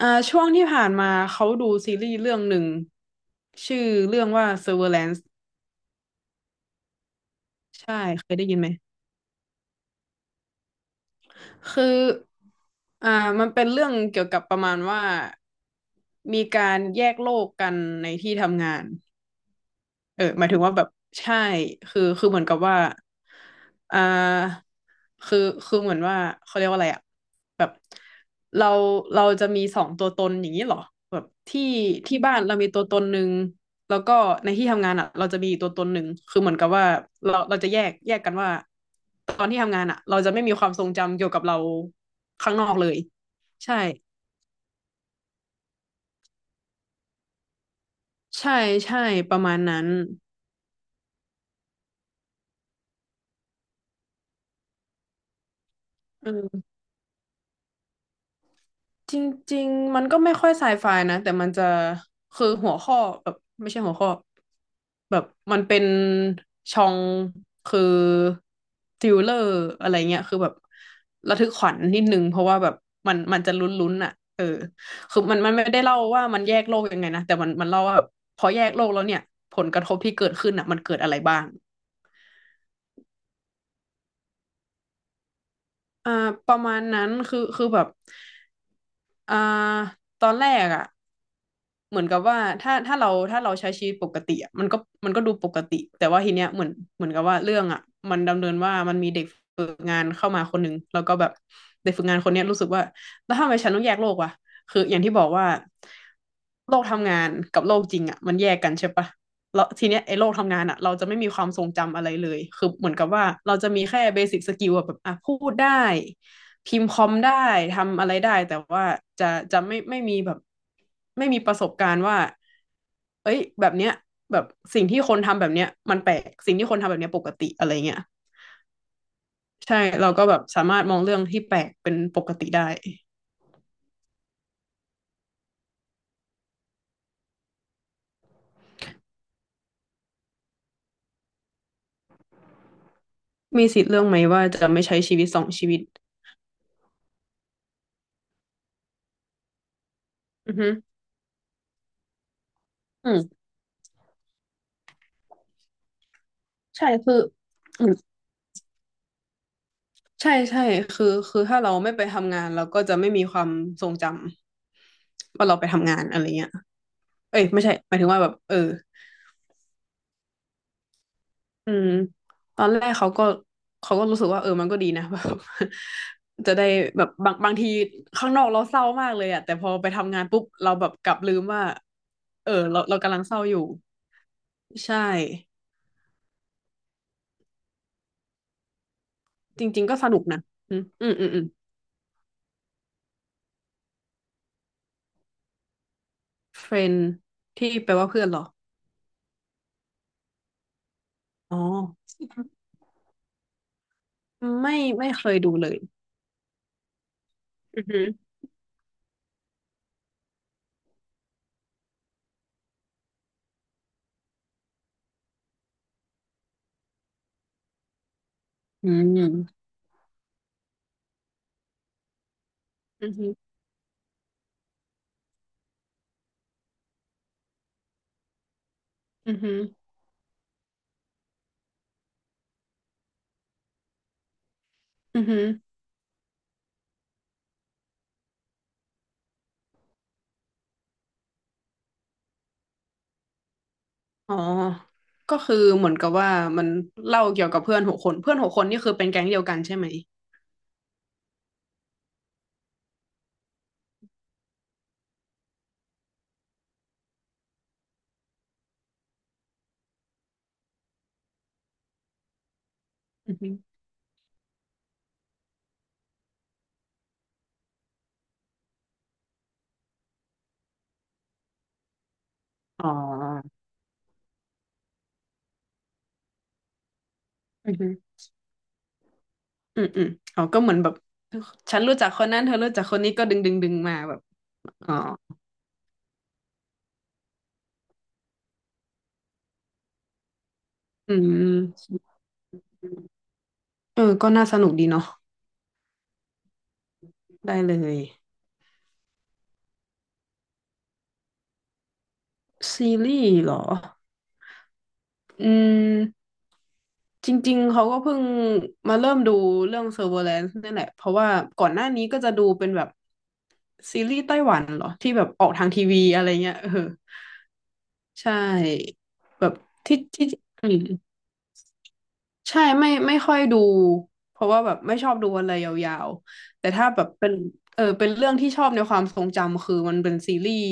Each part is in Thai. ช่วงที่ผ่านมาเขาดูซีรีส์เรื่องหนึ่งชื่อเรื่องว่า Severance ใช่เคยได้ยินไหมคืออ่ามันเป็นเรื่องเกี่ยวกับประมาณว่ามีการแยกโลกกันในที่ทำงาน เออหมายถึงว่าแบบใช่คือเหมือนกับว่าอ่าคือคือเหมือนว่าเขาเรียกว่าอะไรอะแบบเราเราจะมีสองตัวตนอย่างนี้เหรอแบบที่บ้านเรามีตัวตนหนึ่งแล้วก็ในที่ทำงานอะเราจะมีอีกตัวตนหนึ่งคือเหมือนกับว่าเราจะแยกกันว่าตอนที่ทำงานอะเราจะไม่มีความทรงจำเกี่ยวกับเราข้างนอกเลยใช่ใช่ใช่ประมาณนั้นเออ จริงๆมันก็ไม่ค่อยไซไฟนะแต่มันจะคือหัวข้อแบบไม่ใช่หัวข้อแบบมันเป็นชองคือทริลเลอร์อะไรเงี้ยคือแบบระทึกขวัญนิดนึงเพราะว่าแบบมันจะลุ้นๆอ่ะเออคือมันไม่ได้เล่าว่ามันแยกโลกยังไงนะแต่มันเล่าว่าแบบพอแยกโลกแล้วเนี่ยผลกระทบที่เกิดขึ้นอ่ะมันเกิดอะไรบ้างอ่าประมาณนั้นคือแบบอ่าตอนแรกอ่ะ เหมือนกับว่าถ้าเราใช้ชีวิตปกติอะมันก็ดูปกติแต่ว่าทีเนี้ยเหมือนกับว่าเรื่องอ่ะมันดำเนินว่ามันมีเด็กฝึกงานเข้ามาคนหนึ่งแล้วก็แบบเด็กฝึกงานคนเนี้ยรู้สึกว่าแล้วทำไมฉันต้องแยกโลกวะคืออย่างที่บอกว่าโลกทำงานกับโลกจริงอ่ะมันแยกกันใช่ปะแล้วทีเนี้ยไอ้โลกทำงานอ่ะเราจะไม่มีความทรงจำอะไรเลยคือเหมือนกับว่าเราจะมีแค่เบสิ c สกิลแบบอ่ะพูดได้ พิมพ์คอมได้ทำอะไรได้แต่ว่าจะจะไม่มีแบบไม่มีประสบการณ์ว่าเอ้ยแบบเนี้ยแบบสิ่งที่คนทำแบบเนี้ยมันแปลกสิ่งที่คนทำแบบเนี้ยปกติอะไรเงี้ยใช่เราก็แบบสามารถมองเรื่องที่แปลกเป็นปกติได้มีสิทธิ์เรื่องไหมว่าจะไม่ใช้ชีวิตสองชีวิตอือฮึอืมใช่คืออืมใช่ใช่คือถ้าเราไม่ไปทำงานเราก็จะไม่มีความทรงจำว่าเราไปทำงานอะไรเงี้ยเอ้ยไม่ใช่หมายถึงว่าแบบเออ อืมตอนแรกเขาก็รู้สึกว่าเออมันก็ดีนะ แบบ จะได้แบบบางทีข้างนอกเราเศร้ามากเลยอะแต่พอไปทำงานปุ๊บเราแบบกลับลืมว่าเออเรากำลังเศร้าอยู่ใช่จริงๆก็สนุกนะอืมอืมอืมอืมเฟรนที่แปลว่าเพื่อนเหรออ๋อไม่เคยดูเลยอือหืออืมอือหืออือหืออือหือ อ๋อ ก็คือเหมือนกับว่ามันเล่าเกี่ยวกับเพื่อนหกคน เพื่อนหกคนนี่คือเป็นแก๊งเดียวกันใช่ไหมอือฮึอ๋ออือฮึอืมอืมอ๋อก็เหมือนแบบฉันรู้จักคนนั้นเธอรู้จักคนนี้ก็ดึงมาแบบ อ๋ออืมเออก็น่าสนุกดีเนาะได้เลยซีรีส์เหรอ อืม จริงๆ เขาก็เพิ่งมาเริ่มดูเรื่อง Severance นี่แหละ เพราะว่าก่อนหน้านี้ก็จะดูเป็นแบบซีรีส์ไต้หวันเหรอที่แบบออกทางทีวีอะไรเงี้ยเออ ใช่แบบที่อืมใช่ไม่ค่อยดูเพราะว่าแบบไม่ชอบดูอะไรยาวๆแต่ถ้าแบบเป็นเออเป็นเรื่องที่ชอบในความทรงจำคือมันเป็นซีรีส์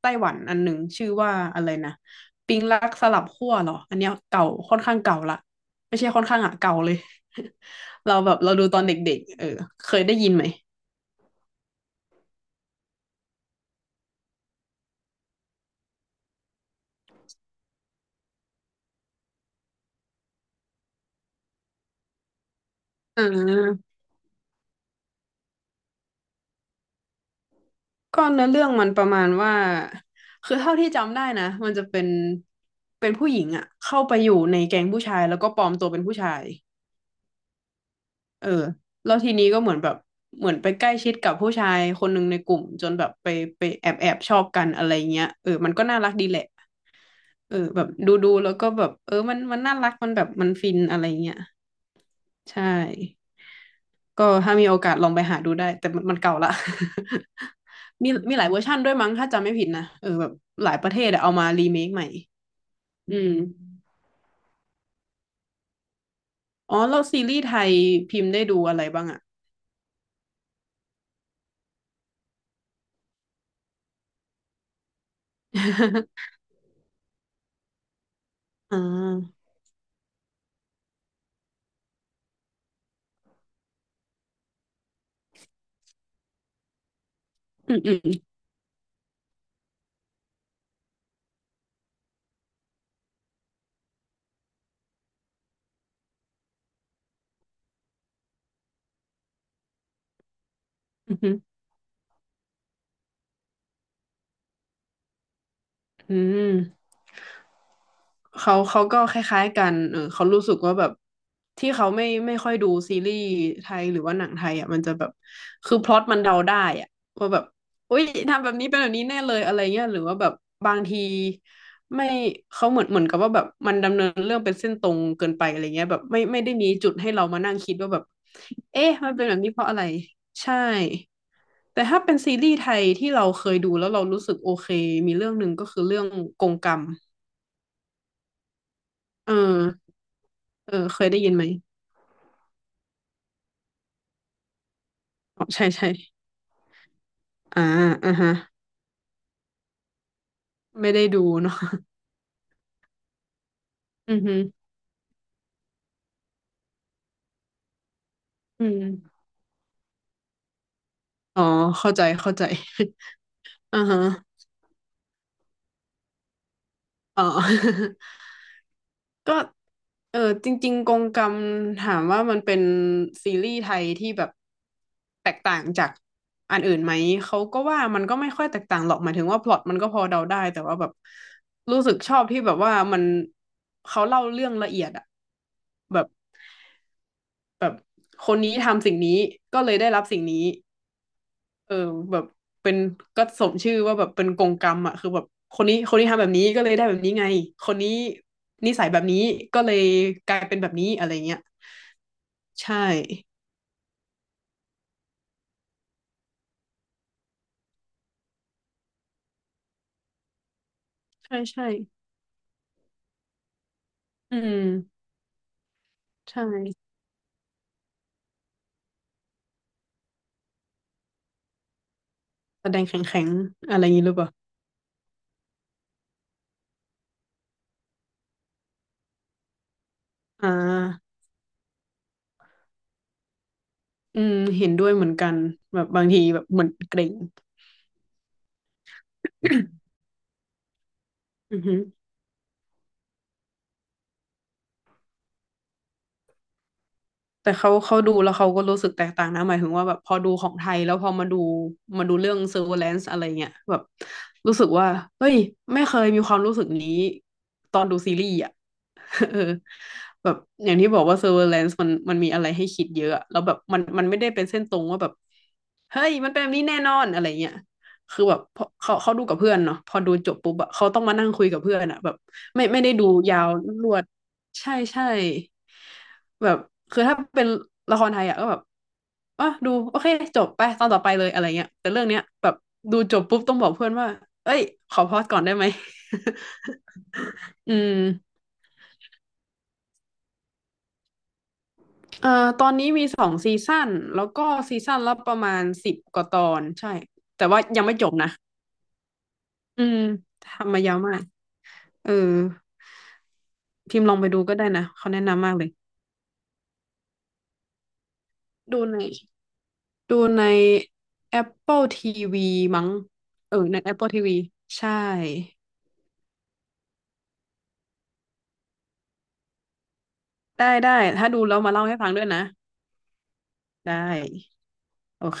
ไต้หวันอันหนึ่งชื่อว่าอะไรนะปิงรักสลับขั้วเหรออันเนี้ยเก่าค่อนข้างเก่าละไม่ใช่ค่อนข้างอะเก่าเลย เราแบบเราดูตอนเด็กๆเออเคยได้ยินไหมอ่า ก็เนื้อเรื่องมันประมาณว่าคือเท่าที่จำได้นะมันจะเป็นผู้หญิงอะเข้าไปอยู่ในแก๊งผู้ชายแล้วก็ปลอมตัวเป็นผู้ชายเออแล้วทีนี้ก็เหมือนแบบเหมือนไปใกล้ชิดกับผู้ชายคนหนึ่งในกลุ่มจนแบบไปแอบชอบกันอะไรเงี้ยเออมันก็น่ารักดีแหละเออแบบดูแล้วก็แบบเออมันน่ารักมันแบบมันฟินอะไรเงี้ยใช่ ก็ถ้ามีโอกาสลองไปหาดูได้แต่มันเก่าละ มีหลายเวอร์ชั่นด้วยมั้งถ้าจำไม่ผิดนะเออแบบหลายประเทศอะเอามารีเมคใหม่อืมอ๋อแล้วซีรีส์ไทยพิมพ์ได้ดูอะไรบ้างอะ อ่าอืมอืมอืมอืม เขาก็คล้ายๆกันเออเขารู้สึกว่าแบบที่เขาไม่ค่อยดูซีรีส์ไทยหรือว่าหนังไทยอ่ะมันจะแบบคือพล็อตมันเดาได้อ่ะว่าแบบอุ้ยทำแบบนี้เป็นแบบนี้แน่เลยอะไรเงี้ยหรือว่าแบบบางทีไม่เขาเหมือนกับว่าแบบมันดำเนินเรื่องเป็นเส้นตรงเกินไปอะไรเงี้ยแบบไม่ได้มีจุดให้เรามานั่งคิดว่าแบบเอ๊ะมันเป็นแบบนี้เพราะอะไรใช่แต่ถ้าเป็นซีรีส์ไทยที่เราเคยดูแล้วเรารู้สึกโอเคมีเรื่องหนึ่งก็คือเรื่องกงกรรมเออ เออเคยได้ยินไหมอ๋อใช่ใช่อ่าอ่าฮะไม่ได้ดูเนาะ อือฮึอืมอ๋อเข้าใจเข้าใจ อ่าฮะอ๋อ ก็เออจริงๆกงกรรมถามว่ามันเป็นซีรีส์ไทยที่แบบแตกต่างจากอันอื่นไหมเขาก็ว่ามันก็ไม่ค่อยแตกต่างหรอกหมายถึงว่าพล็อตมันก็พอเดาได้แต่ว่าแบบรู้สึกชอบที่แบบว่ามันเขาเล่าเรื่องละเอียดอะแบบแบบคนนี้ทำสิ่งนี้ก็เลยได้รับสิ่งนี้ เออแบบเป็นก็สมชื่อว่าแบบเป็นกงกรรมอ่ะคือแบบคนนี้ทำแบบนี้ก็เลยได้แบบนี้ไงคนนี้นิสัยแบบนี้ก็เลยกลายเป็นแบบนี้อะไรเงี้ยใช่ใช่ใช่อืมใช่แสดงแข็งแข็งอะไรอย่างนี้หรือเปล่าอ่าอืมเห็นด้วยเหมือนกันแบบบางทีแบบเหมือนเกรง อือฮึ แต่เขาดูแล้วเขาก็รู้สึกแตกต่างนะหมายถึงว่าแบบพอดูของไทยแล้วพอมาดูมาดูเรื่อง Surveillance อะไรเงี้ยแบบรู้สึกว่าเฮ้ยไม่เคยมีความรู้สึกนี้ตอนดูซีรีส์อ่ะ เออแบบอย่างที่บอกว่า Surveillance มันมีอะไรให้คิดเยอะอะแล้วแบบมันไม่ได้เป็นเส้นตรงว่าแบบเฮ้ยมันเป็นแบบนี้แน่นอนอะไรเงี้ยคือแบบพอเขาดูกับเพื่อนเนาะพอดูจบปุ๊บอะเขาต้องมานั่งคุยกับเพื่อนอะแบบไม่ได้ดูยาวรวด ใช่ใช่แบบคือถ้าเป็นละครไทยอ่ะก็แบบอ่ะดูโอเคจบไปตอนต่อไปเลยอะไรเงี้ยแต่เรื่องเนี้ยแบบดูจบปุ๊บต้องบอกเพื่อนว่าเอ้ยขอพอสก่อนได้ไหม อืมตอนนี้มี2 ซีซั่นแล้วก็ซีซั่นละประมาณ10 กว่าตอนใช่แต่ว่ายังไม่จบนะอืมทำมายาวมากเออพิมพ์ลองไปดูก็ได้นะเขาแนะนำมากเลยดูใน ดูใน Apple TV มั้งเออใน Apple TV ใช่ ได้ได้ ถ้าดูแล้วมาเล่าให้ฟังด้วยนะ ได้ โอเค